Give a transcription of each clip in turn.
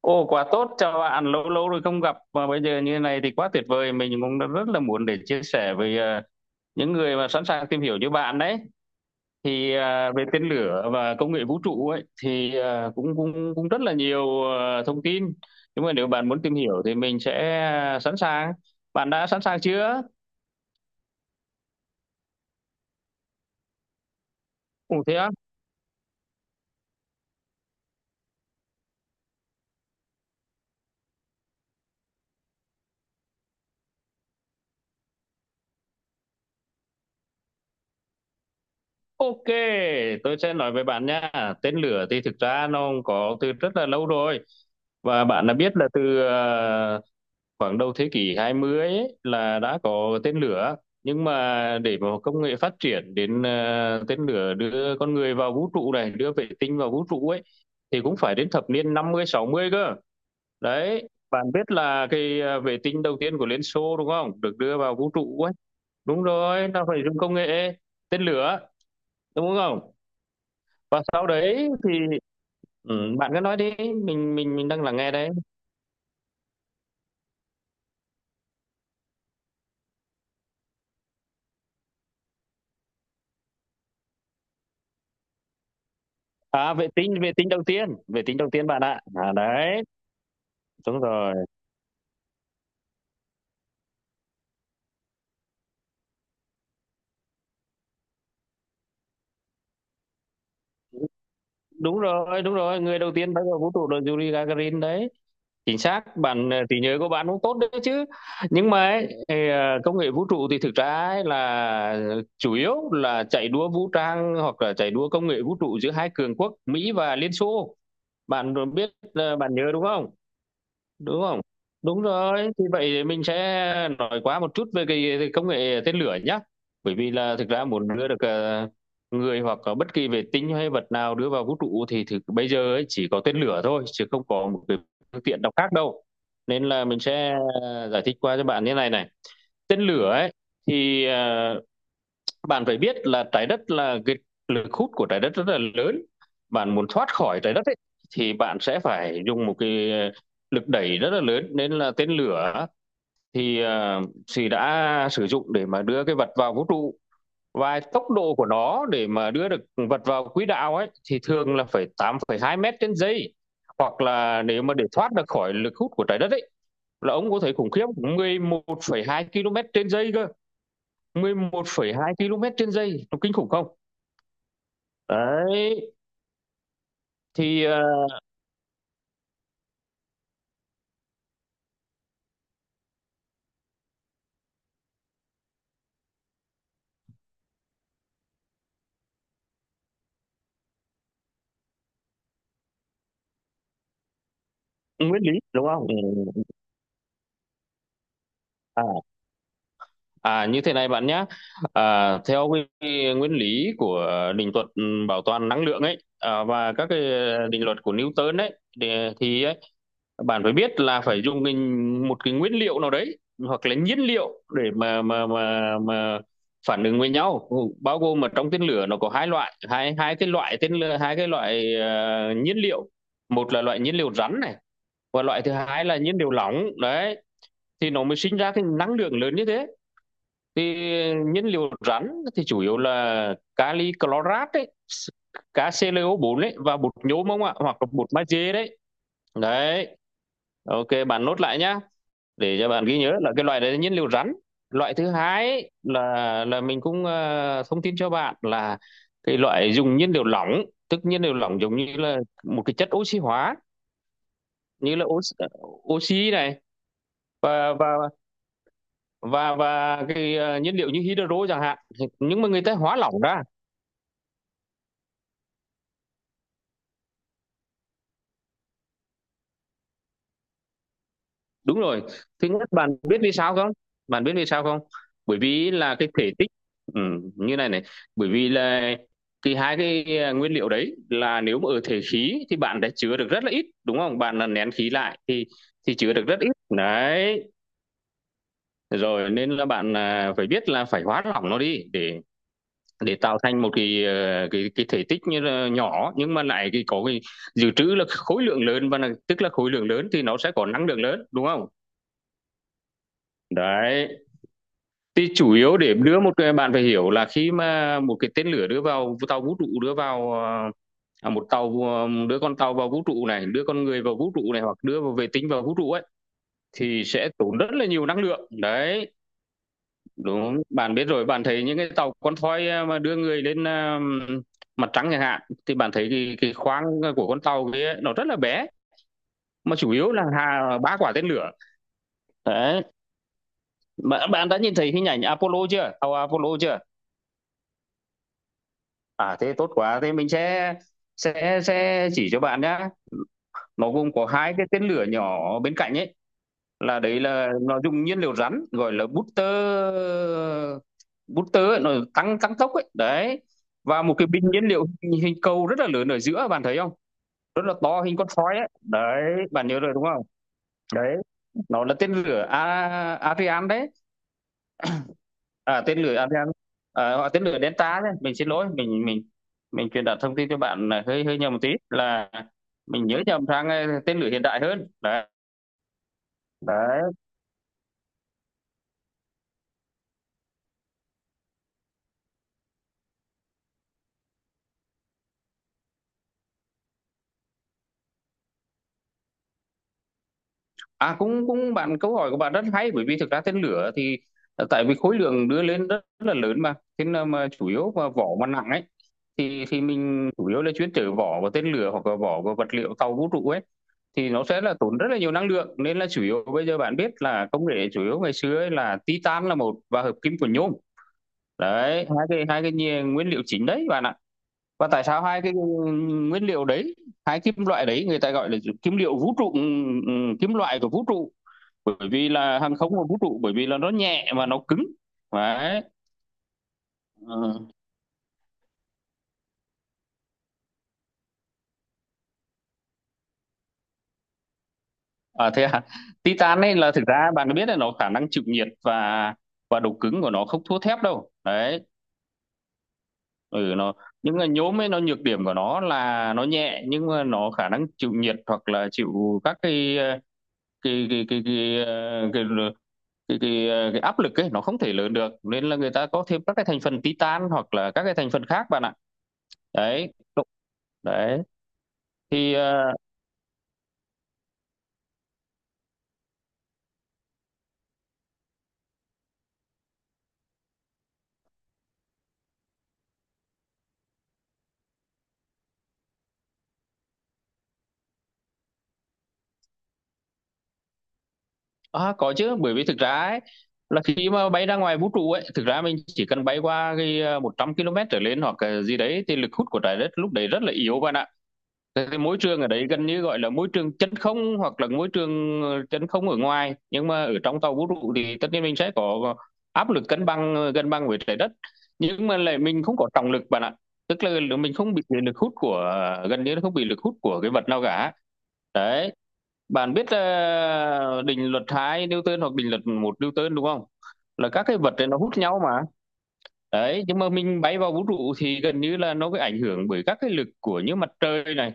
Ồ quá tốt, chào bạn, lâu lâu rồi không gặp mà bây giờ như thế này thì quá tuyệt vời, mình cũng đã rất là muốn để chia sẻ với những người mà sẵn sàng tìm hiểu như bạn đấy. Về tên lửa và công nghệ vũ trụ ấy thì ờ, cũng cũng cũng rất là nhiều thông tin. Nhưng mà nếu bạn muốn tìm hiểu thì mình sẽ sẵn sàng. Bạn đã sẵn sàng chưa? Cùng thế á? Ok, tôi sẽ nói với bạn nha. Tên lửa thì thực ra nó có từ rất là lâu rồi, và bạn đã biết là từ khoảng đầu thế kỷ 20 ấy, là đã có tên lửa, nhưng mà để mà công nghệ phát triển đến tên lửa đưa con người vào vũ trụ này, đưa vệ tinh vào vũ trụ ấy, thì cũng phải đến thập niên năm mươi sáu mươi cơ. Đấy, bạn biết là cái vệ tinh đầu tiên của Liên Xô đúng không, được đưa vào vũ trụ ấy, đúng rồi, nó phải dùng công nghệ tên lửa đúng không, và sau đấy thì ừ, bạn cứ nói đi, mình đang lắng nghe đấy. À, vệ tinh đầu tiên bạn ạ. À đấy, đúng rồi, đúng rồi, đúng rồi, người đầu tiên bay vào vũ trụ là Yuri Gagarin đấy. Chính xác bạn, trí nhớ của bạn cũng tốt đấy chứ. Nhưng mà ấy, thì, công nghệ vũ trụ thì thực ra ấy là chủ yếu là chạy đua vũ trang hoặc là chạy đua công nghệ vũ trụ giữa hai cường quốc Mỹ và Liên Xô. Bạn biết bạn nhớ đúng không, đúng không, đúng rồi. Thì vậy thì mình sẽ nói qua một chút về cái công nghệ tên lửa nhé, bởi vì là thực ra muốn đưa được người hoặc là bất kỳ vệ tinh hay vật nào đưa vào vũ trụ thì thực bây giờ ấy chỉ có tên lửa thôi chứ không có một cái phương tiện nào khác đâu. Nên là mình sẽ giải thích qua cho bạn như này này. Tên lửa ấy thì bạn phải biết là trái đất là cái lực hút của trái đất rất là lớn, bạn muốn thoát khỏi trái đất ấy, thì bạn sẽ phải dùng một cái lực đẩy rất là lớn, nên là tên lửa thì thì đã sử dụng để mà đưa cái vật vào vũ trụ. Và tốc độ của nó để mà đưa được vật vào quỹ đạo ấy thì thường là phải 8,2 mét trên giây, hoặc là nếu mà để thoát được khỏi lực hút của trái đất ấy là ông có thể khủng khiếp 11,2 km trên giây cơ. 11,2 km trên giây nó kinh khủng không? Đấy thì nguyên lý đúng không? Ừ. À, à như thế này bạn nhé. À, theo nguyên lý của định luật bảo toàn năng lượng ấy, à, và các cái định luật của Newton ấy thì, thì ấy, bạn phải biết là phải dùng một cái nguyên liệu nào đấy hoặc là nhiên liệu để mà phản ứng với nhau. Ừ, bao gồm mà trong tên lửa nó có hai loại, hai hai cái loại tên lửa hai cái loại nhiên liệu. Một là loại nhiên liệu rắn này, và loại thứ hai là nhiên liệu lỏng đấy, thì nó mới sinh ra cái năng lượng lớn như thế. Thì nhiên liệu rắn thì chủ yếu là kali chlorat đấy, KClO4 đấy, và bột nhôm không ạ, hoặc là bột magie đấy. Đấy, ok bạn nốt lại nhá, để cho bạn ghi nhớ là cái loại đấy là nhiên liệu rắn. Loại thứ hai là mình cũng thông tin cho bạn là cái loại dùng nhiên liệu lỏng, tức nhiên liệu lỏng giống như là một cái chất oxy hóa, như là oxy này, và và và cái nhiên liệu như hydro chẳng hạn. Thì- nhưng mà người ta hóa lỏng ra. Đúng rồi, thứ nhất bạn biết vì sao không, bạn biết vì sao không? Bởi vì là cái thể tích, ừ, như này này. Bởi vì là cái hai cái nguyên liệu đấy là nếu mà ở thể khí thì bạn đã chứa được rất là ít đúng không, bạn là nén khí lại thì chứa được rất ít đấy. Rồi nên là bạn, à, phải biết là phải hóa lỏng nó đi để tạo thành một cái cái thể tích như là nhỏ nhưng mà lại cái có cái dự trữ là khối lượng lớn, và là, tức là khối lượng lớn thì nó sẽ có năng lượng lớn đúng không. Đấy, thì chủ yếu để đưa một cái bạn phải hiểu là khi mà một cái tên lửa đưa vào tàu vũ trụ đưa vào một tàu, đưa con tàu vào vũ trụ này, đưa con người vào vũ trụ này, hoặc đưa vào vệ tinh vào vũ trụ ấy, thì sẽ tốn rất là nhiều năng lượng đấy. Đúng, bạn biết rồi, bạn thấy những cái tàu con thoi à, mà đưa người lên à, mặt trăng chẳng hạn, thì bạn thấy cái khoang của con tàu kia nó rất là bé, mà chủ yếu là hà ba quả tên lửa đấy. Bạn, bạn đã nhìn thấy hình ảnh Apollo chưa, tàu Apollo chưa? À thế tốt quá, thế mình sẽ sẽ chỉ cho bạn nhá. Nó gồm có hai cái tên lửa nhỏ bên cạnh ấy, là đấy là nó dùng nhiên liệu rắn, gọi là booster. Booster ấy, nó tăng tăng tốc ấy đấy. Và một cái bình nhiên liệu hình cầu rất là lớn ở giữa bạn thấy không, rất là to hình con sói ấy đấy. Bạn nhớ rồi đúng không? Đấy, nó là tên lửa Ariane đấy. À tên lửa Ariane, à, hoặc tên lửa Delta đấy. Mình xin lỗi mình truyền đạt thông tin cho bạn là hơi hơi nhầm một tí, là mình nhớ nhầm sang tên lửa hiện đại hơn đấy. Đấy. À cũng cũng bạn, câu hỏi của bạn rất hay, bởi vì thực ra tên lửa thì tại vì khối lượng đưa lên rất là lớn mà, thế nên mà chủ yếu mà vỏ mà nặng ấy thì mình chủ yếu là chuyên chở vỏ và tên lửa hoặc là vỏ và vật liệu tàu vũ trụ ấy, thì nó sẽ là tốn rất là nhiều năng lượng, nên là chủ yếu bây giờ bạn biết là công nghệ chủ yếu ngày xưa ấy là titan là một và hợp kim của nhôm đấy. Nguyên liệu chính đấy bạn ạ. Và tại sao hai cái nguyên liệu đấy, hai kim loại đấy người ta gọi là kim liệu vũ trụ, ừ, kim loại của vũ trụ, bởi vì là hàng không và vũ trụ, bởi vì là nó nhẹ mà nó cứng đấy. Ừ. À thế à, titan ấy là thực ra bạn có biết là nó khả năng chịu nhiệt và độ cứng của nó không thua thép đâu đấy. Ừ nó, những cái nhôm ấy nó nhược điểm của nó là nó nhẹ nhưng mà nó khả năng chịu nhiệt hoặc là chịu các cái ờ, cái áp lực ấy nó không thể lớn được, nên là người ta có thêm các cái thành phần titan hoặc là các cái thành phần khác bạn ạ. Đấy, đấy, thì À, có chứ, bởi vì thực ra ấy, là khi mà bay ra ngoài vũ trụ ấy thực ra mình chỉ cần bay qua cái à, 100 km trở lên hoặc cái gì đấy thì lực hút của trái đất lúc đấy rất là yếu bạn ạ. Cái môi trường ở đấy gần như gọi là môi trường chân không, hoặc là môi trường chân không ở ngoài, nhưng mà ở trong tàu vũ trụ thì tất nhiên mình sẽ có áp lực cân bằng cân bằng với trái đất, nhưng mà lại mình không có trọng lực bạn ạ. Tức là mình không bị lực hút của gần như là không bị lực hút của cái vật nào cả. Đấy, bạn biết định luật 2 Newton hoặc định luật 1 Newton đúng không? Là các cái vật này nó hút nhau mà. Đấy, nhưng mà mình bay vào vũ trụ thì gần như là nó bị ảnh hưởng bởi các cái lực của như mặt trời này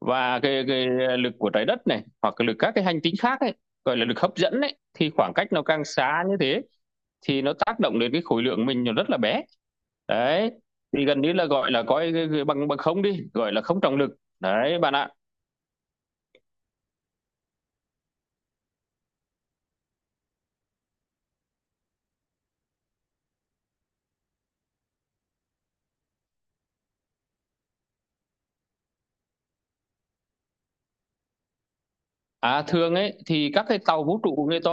và cái lực của trái đất này hoặc cái lực các cái hành tinh khác ấy, gọi là lực hấp dẫn ấy, thì khoảng cách nó càng xa như thế thì nó tác động đến cái khối lượng mình nó rất là bé. Đấy, thì gần như là gọi là coi cái bằng bằng không đi, gọi là không trọng lực. Đấy bạn ạ. À thường ấy thì các cái tàu vũ trụ người ta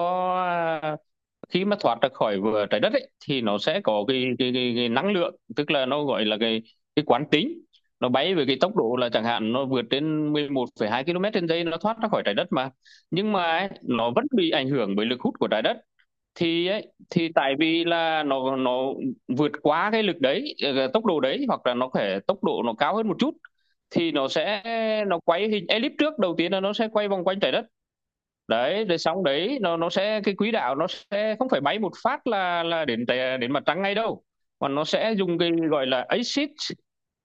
khi mà thoát ra khỏi vừa trái đất ấy, thì nó sẽ có cái năng lượng, tức là nó gọi là cái quán tính. Nó bay với cái tốc độ là chẳng hạn nó vượt trên 11,2 km trên giây, nó thoát ra khỏi trái đất mà, nhưng mà ấy, nó vẫn bị ảnh hưởng bởi lực hút của trái đất. Thì ấy, thì tại vì là nó vượt quá cái lực đấy, tốc độ đấy, hoặc là nó phải tốc độ nó cao hơn một chút thì nó sẽ nó quay hình elip. Trước đầu tiên là nó sẽ quay vòng quanh trái đất. Đấy, rồi sóng đấy nó sẽ cái quỹ đạo nó sẽ không phải bay một phát là đến đến mặt trăng ngay đâu. Mà nó sẽ dùng cái gọi là axit,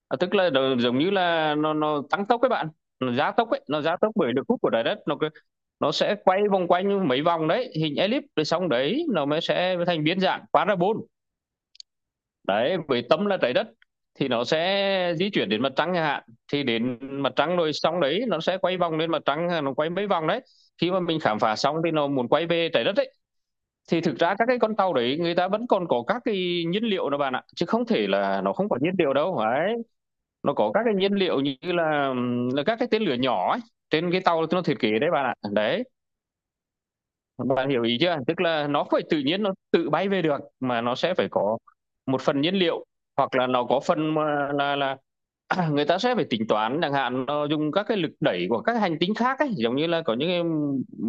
à, tức là nó- giống như là nó tăng tốc các bạn, nó gia tốc ấy, nó gia tốc bởi lực hút của trái đất nó cứ- nó sẽ quay vòng quanh mấy vòng đấy, hình elip, rồi xong đấy nó mới sẽ thành biến dạng parabol, đấy, với tâm là trái đất, thì nó sẽ di chuyển đến mặt trăng chẳng hạn. Thì đến mặt trăng rồi xong đấy nó sẽ quay vòng lên mặt trăng, nó quay mấy vòng đấy, khi mà mình khám phá xong thì nó muốn quay về trái đất đấy, thì thực ra các cái con tàu đấy người ta vẫn còn có các cái nhiên liệu đó bạn ạ, chứ không thể là nó không có nhiên liệu đâu. Đấy, nó có các cái nhiên liệu như là các cái tên lửa nhỏ ấy trên cái tàu nó thiết kế đấy bạn ạ. Đấy, bạn hiểu ý chưa? Tức là nó phải tự nhiên nó tự bay về được mà, nó sẽ phải có một phần nhiên liệu, hoặc là nó có phần mà là người ta sẽ phải tính toán, chẳng hạn nó dùng các cái lực đẩy của các hành tinh khác ấy, giống như là có những cái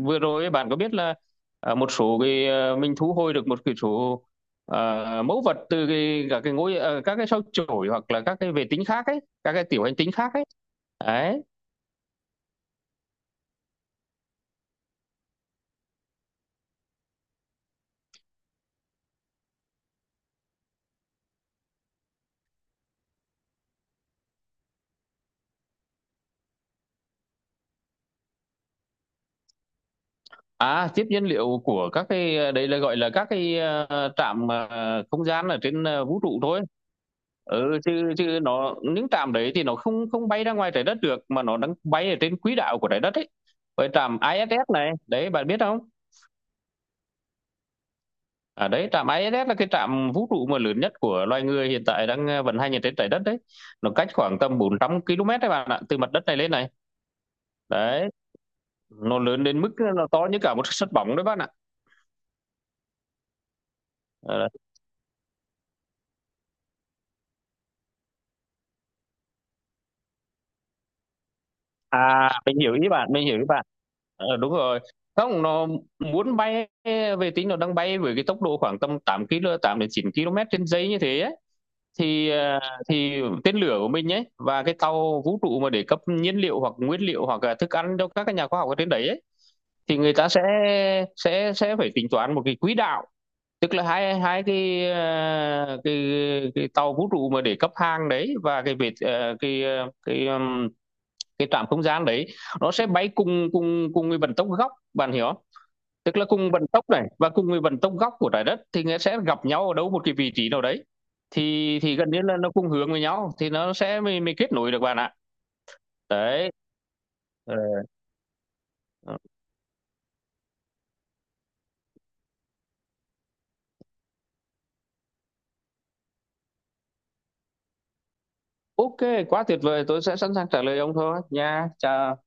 vừa rồi ấy, bạn có biết là, à, một số cái, à, mình thu hồi được một cái số, à, mẫu vật từ cái các cái ngôi, à, các cái sao chổi hoặc là các cái vệ tinh khác ấy, các cái tiểu hành tinh khác ấy, đấy. À, tiếp nhiên liệu của các cái đấy là gọi là các cái, trạm, không gian ở trên, vũ trụ thôi. Ừ, chứ chứ nó những trạm đấy thì nó không không bay ra ngoài Trái Đất được, mà nó đang bay ở trên quỹ đạo của Trái Đất ấy. Với trạm ISS này, đấy bạn biết không? À đấy, trạm ISS là cái trạm vũ trụ mà lớn nhất của loài người hiện tại đang vận hành ở trên Trái Đất đấy. Nó cách khoảng tầm 400 km đấy bạn ạ, từ mặt đất này lên này. Đấy, nó lớn đến mức nó to như cả một sân bóng đấy bạn ạ. Ờ, À, mình hiểu ý bạn, mình hiểu ý bạn. Ờ, đúng rồi. Không, nó muốn bay, vệ tinh nó đang bay với cái tốc độ khoảng tầm 8 km, 8 đến 9 km trên giây như thế ấy. Thì, à, thì tên lửa của mình ấy và cái tàu vũ trụ mà để cấp nhiên liệu hoặc nguyên liệu hoặc là thức ăn cho các cái nhà khoa học ở trên đấy ấy, thì người ta sẽ sẽ phải tính toán một cái quỹ đạo, tức là hai hai cái, à, cái tàu vũ trụ mà để cấp hàng đấy và cái vệ à, cái ờ, cái trạm không gian đấy nó sẽ bay cùng cùng cùng với vận tốc góc, bạn hiểu không? Tức là cùng vận tốc này và cùng với vận tốc góc của trái đất thì nó sẽ gặp nhau ở đâu một cái vị trí nào đấy, thì gần như là nó cùng hướng với nhau thì nó sẽ mới kết nối được bạn ạ. Đấy. Ờ, ờ. OK, quá tuyệt vời, tôi sẽ sẵn sàng trả lời ông thôi nha, chào.